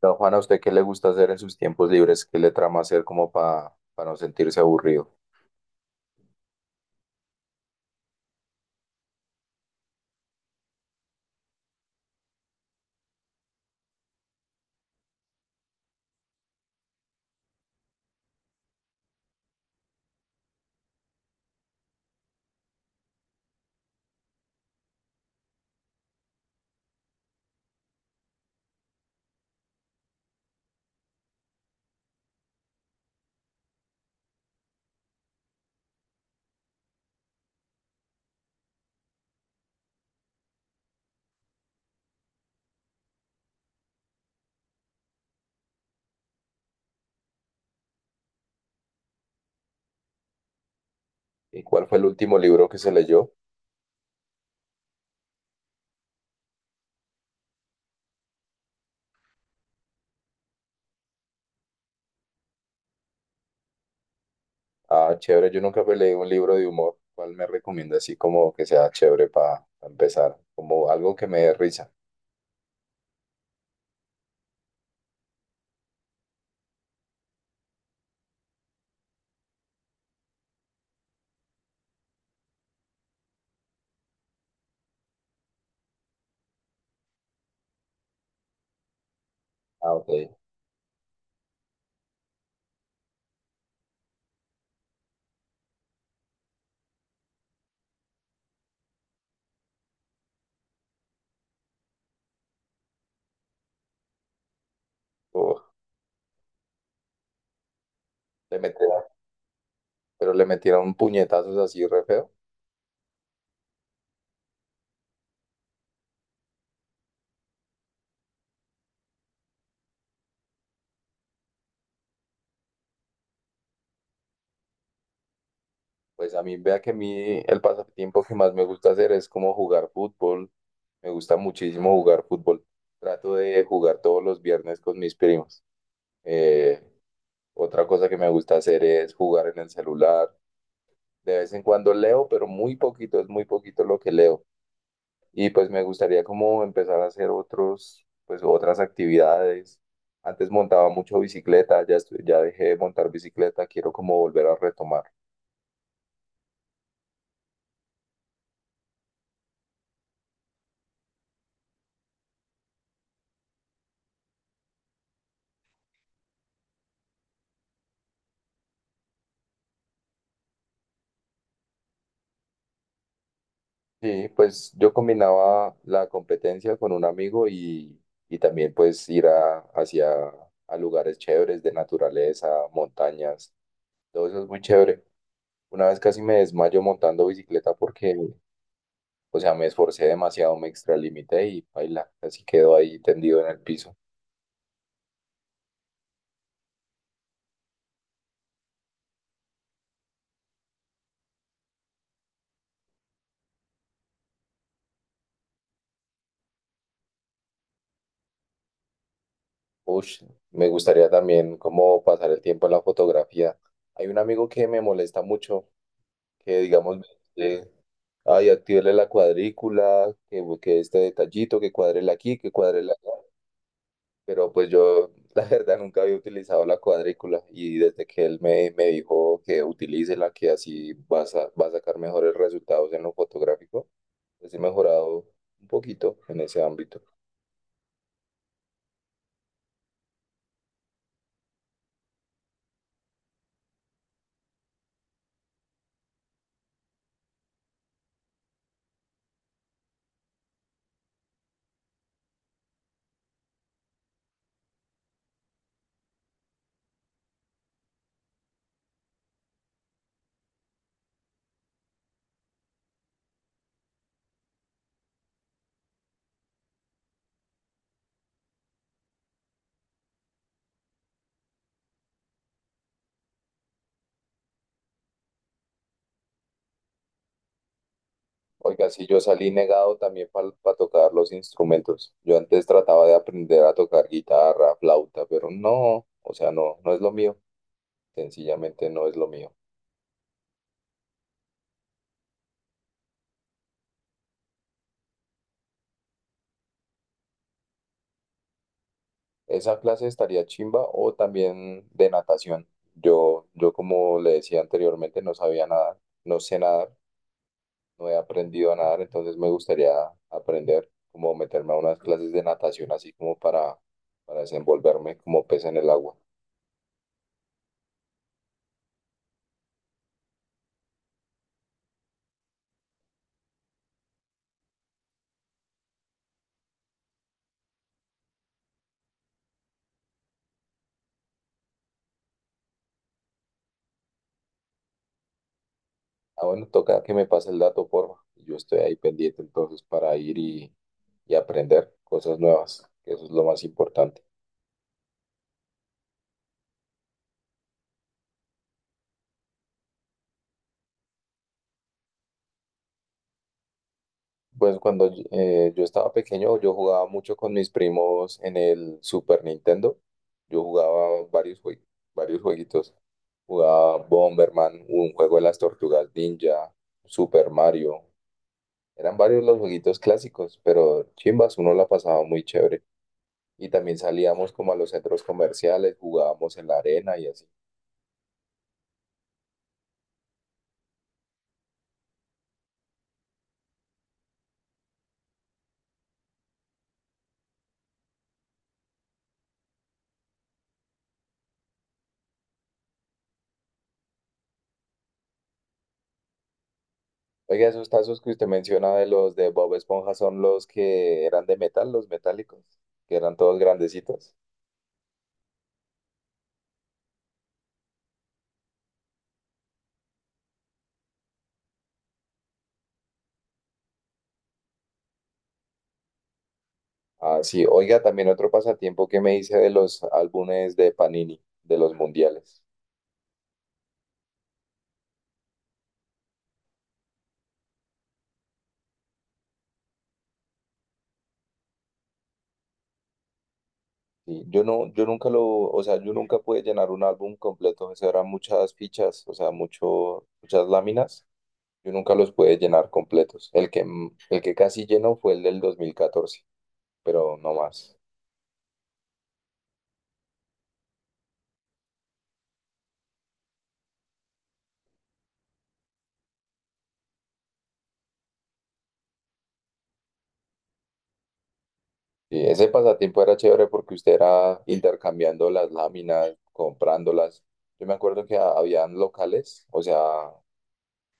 Don Juan, ¿a usted qué le gusta hacer en sus tiempos libres? ¿Qué le trama hacer como para no sentirse aburrido? ¿Y cuál fue el último libro que se leyó? Ah, chévere, yo nunca me leí un libro de humor. ¿Cuál me recomienda así como que sea chévere para empezar? Como algo que me dé risa. Ah, ok. Uf, le metieron- pero le metieron puñetazos así re feo. Pues a mí, vea que a mí el pasatiempo que más me gusta hacer es como jugar fútbol. Me gusta muchísimo jugar fútbol. Trato de jugar todos los viernes con mis primos. Eh, Otra cosa que me gusta hacer es jugar en el celular. De vez en cuando leo, pero muy poquito, es muy poquito lo que leo. Y pues me gustaría como empezar a hacer otros, pues otras actividades. Antes montaba mucho bicicleta, ya dejé de montar bicicleta, quiero como volver a retomar. Sí, pues yo combinaba la competencia con un amigo y también pues ir hacia a lugares chéveres de naturaleza, montañas, todo eso es muy chévere. Una vez casi me desmayo montando bicicleta porque, o sea, me esforcé demasiado, me extralimité y baila, así quedó ahí tendido en el piso. Ush, me gustaría también como pasar el tiempo en la fotografía. Hay un amigo que me molesta mucho, que digamos, me dice, ay, actívele la cuadrícula, que este detallito, que cuadrele aquí, que cuadrele allá. Pero pues yo la verdad nunca había utilizado la cuadrícula y desde que él me dijo que utilice la que así va a sacar mejores resultados en lo fotográfico, pues he mejorado un poquito en ese ámbito. Oiga, sí, yo salí negado también para tocar los instrumentos. Yo antes trataba de aprender a tocar guitarra, flauta, pero no, o sea, no, no es lo mío, sencillamente no es lo mío. Esa clase estaría chimba o también de natación. Yo como le decía anteriormente, no sabía nadar, no sé nadar, no he aprendido a nadar, entonces me gustaría aprender, como meterme a unas clases de natación, así como para desenvolverme como pez en el agua. Ah, bueno, toca que me pase el dato, porfa. Yo estoy ahí pendiente entonces para ir y aprender cosas nuevas, que eso es lo más importante. Pues cuando yo estaba pequeño, yo jugaba mucho con mis primos en el Super Nintendo. Yo jugaba varios jueguitos. Jugaba Bomberman, un juego de las tortugas ninja, Super Mario. Eran varios los jueguitos clásicos, pero chimbas, uno la pasaba muy chévere. Y también salíamos como a los centros comerciales, jugábamos en la arena y así. Oiga, esos tazos que usted menciona de los de Bob Esponja son los que eran de metal, los metálicos, que eran todos grandecitos. Ah, sí, oiga, también otro pasatiempo que me hice de los álbumes de Panini, de los mundiales. Sí, yo nunca lo, o sea, yo nunca pude llenar un álbum completo, eso eran muchas fichas, o sea, muchas láminas, yo nunca los pude llenar completos. El que casi llenó fue el del 2014, pero no más. Sí, ese pasatiempo era chévere porque usted era intercambiando las láminas, comprándolas. Yo me acuerdo que habían locales, o sea,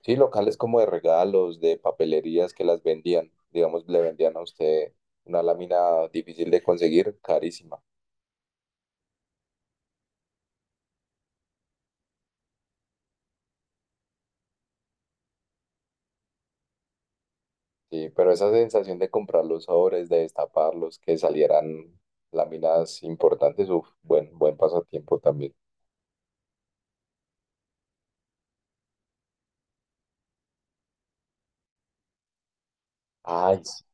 sí, locales como de regalos, de papelerías que las vendían. Digamos, le vendían a usted una lámina difícil de conseguir, carísima. Sí, pero esa sensación de comprar los sobres, de destaparlos, que salieran láminas importantes, uf, buen pasatiempo también. Ay, sí,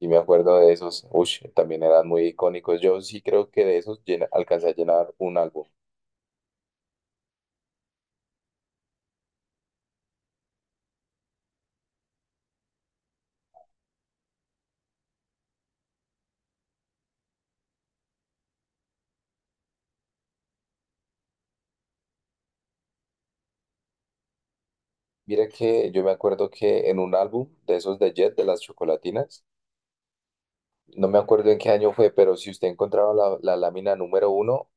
y me acuerdo de esos, ush, también eran muy icónicos. Yo sí creo que de esos alcancé a llenar un álbum. Mira que yo me acuerdo que en un álbum de esos de Jet, de las chocolatinas, no me acuerdo en qué año fue, pero si usted encontraba la lámina número uno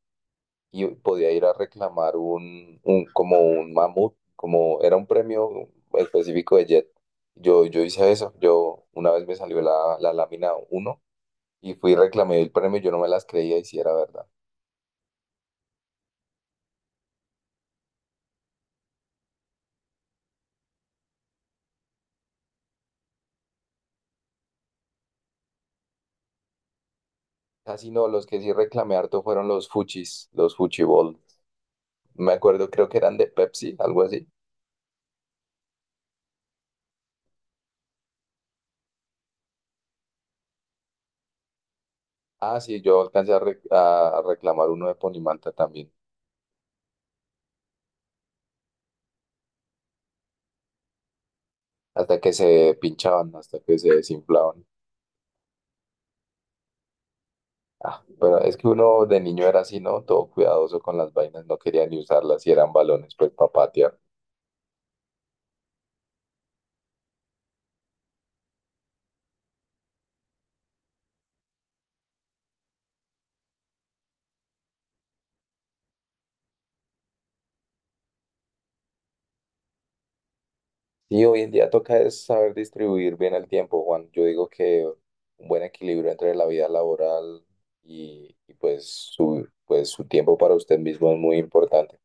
y podía ir a reclamar un como un mamut, como era un premio específico de Jet. Yo hice eso, yo una vez me salió la lámina uno y fui y reclamé el premio, yo no me las creía y si era verdad. Casi no, los que sí reclamé harto fueron los Fuchis, los Fuchibol. Me acuerdo, creo que eran de Pepsi, algo así. Ah, sí, yo alcancé a reclamar uno de Ponimalta también. Hasta que se pinchaban, hasta que se desinflaban. Ah, pero es que uno de niño era así, ¿no? Todo cuidadoso con las vainas, no quería ni usarlas y eran balones, pues para patear. Y hoy en día toca es saber distribuir bien el tiempo, Juan. Yo digo que un buen equilibrio entre la vida laboral y pues, pues su tiempo para usted mismo es muy importante.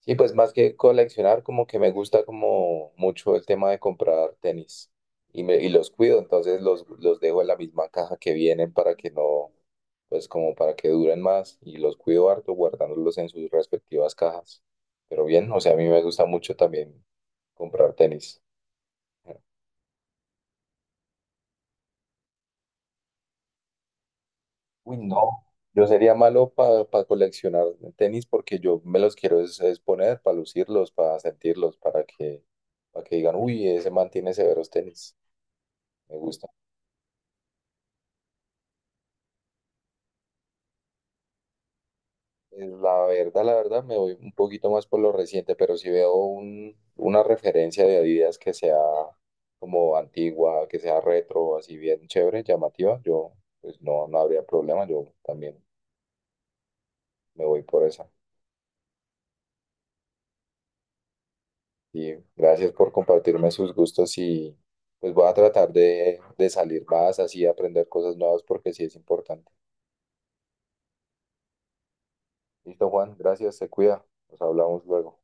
Sí, pues más que coleccionar, como que me gusta como mucho el tema de comprar tenis y los cuido, entonces los dejo en la misma caja que vienen para que no, pues como para que duren más y los cuido harto guardándolos en sus respectivas cajas. Pero bien, o sea, a mí me gusta mucho también comprar tenis. Uy, no, yo sería malo para coleccionar tenis porque yo me los quiero es poner para lucirlos, para sentirlos, para que digan, uy, ese man tiene severos tenis. Me gusta. Pues, la verdad, la verdad, me voy un poquito más por lo reciente, pero si veo una referencia de Adidas que sea como antigua, que sea retro, así bien chévere, llamativa, yo pues no, no habría problema, yo también me voy por esa. Y gracias por compartirme sus gustos y pues voy a tratar de salir más, así aprender cosas nuevas porque sí es importante. Listo, Juan, gracias, se cuida, nos hablamos luego.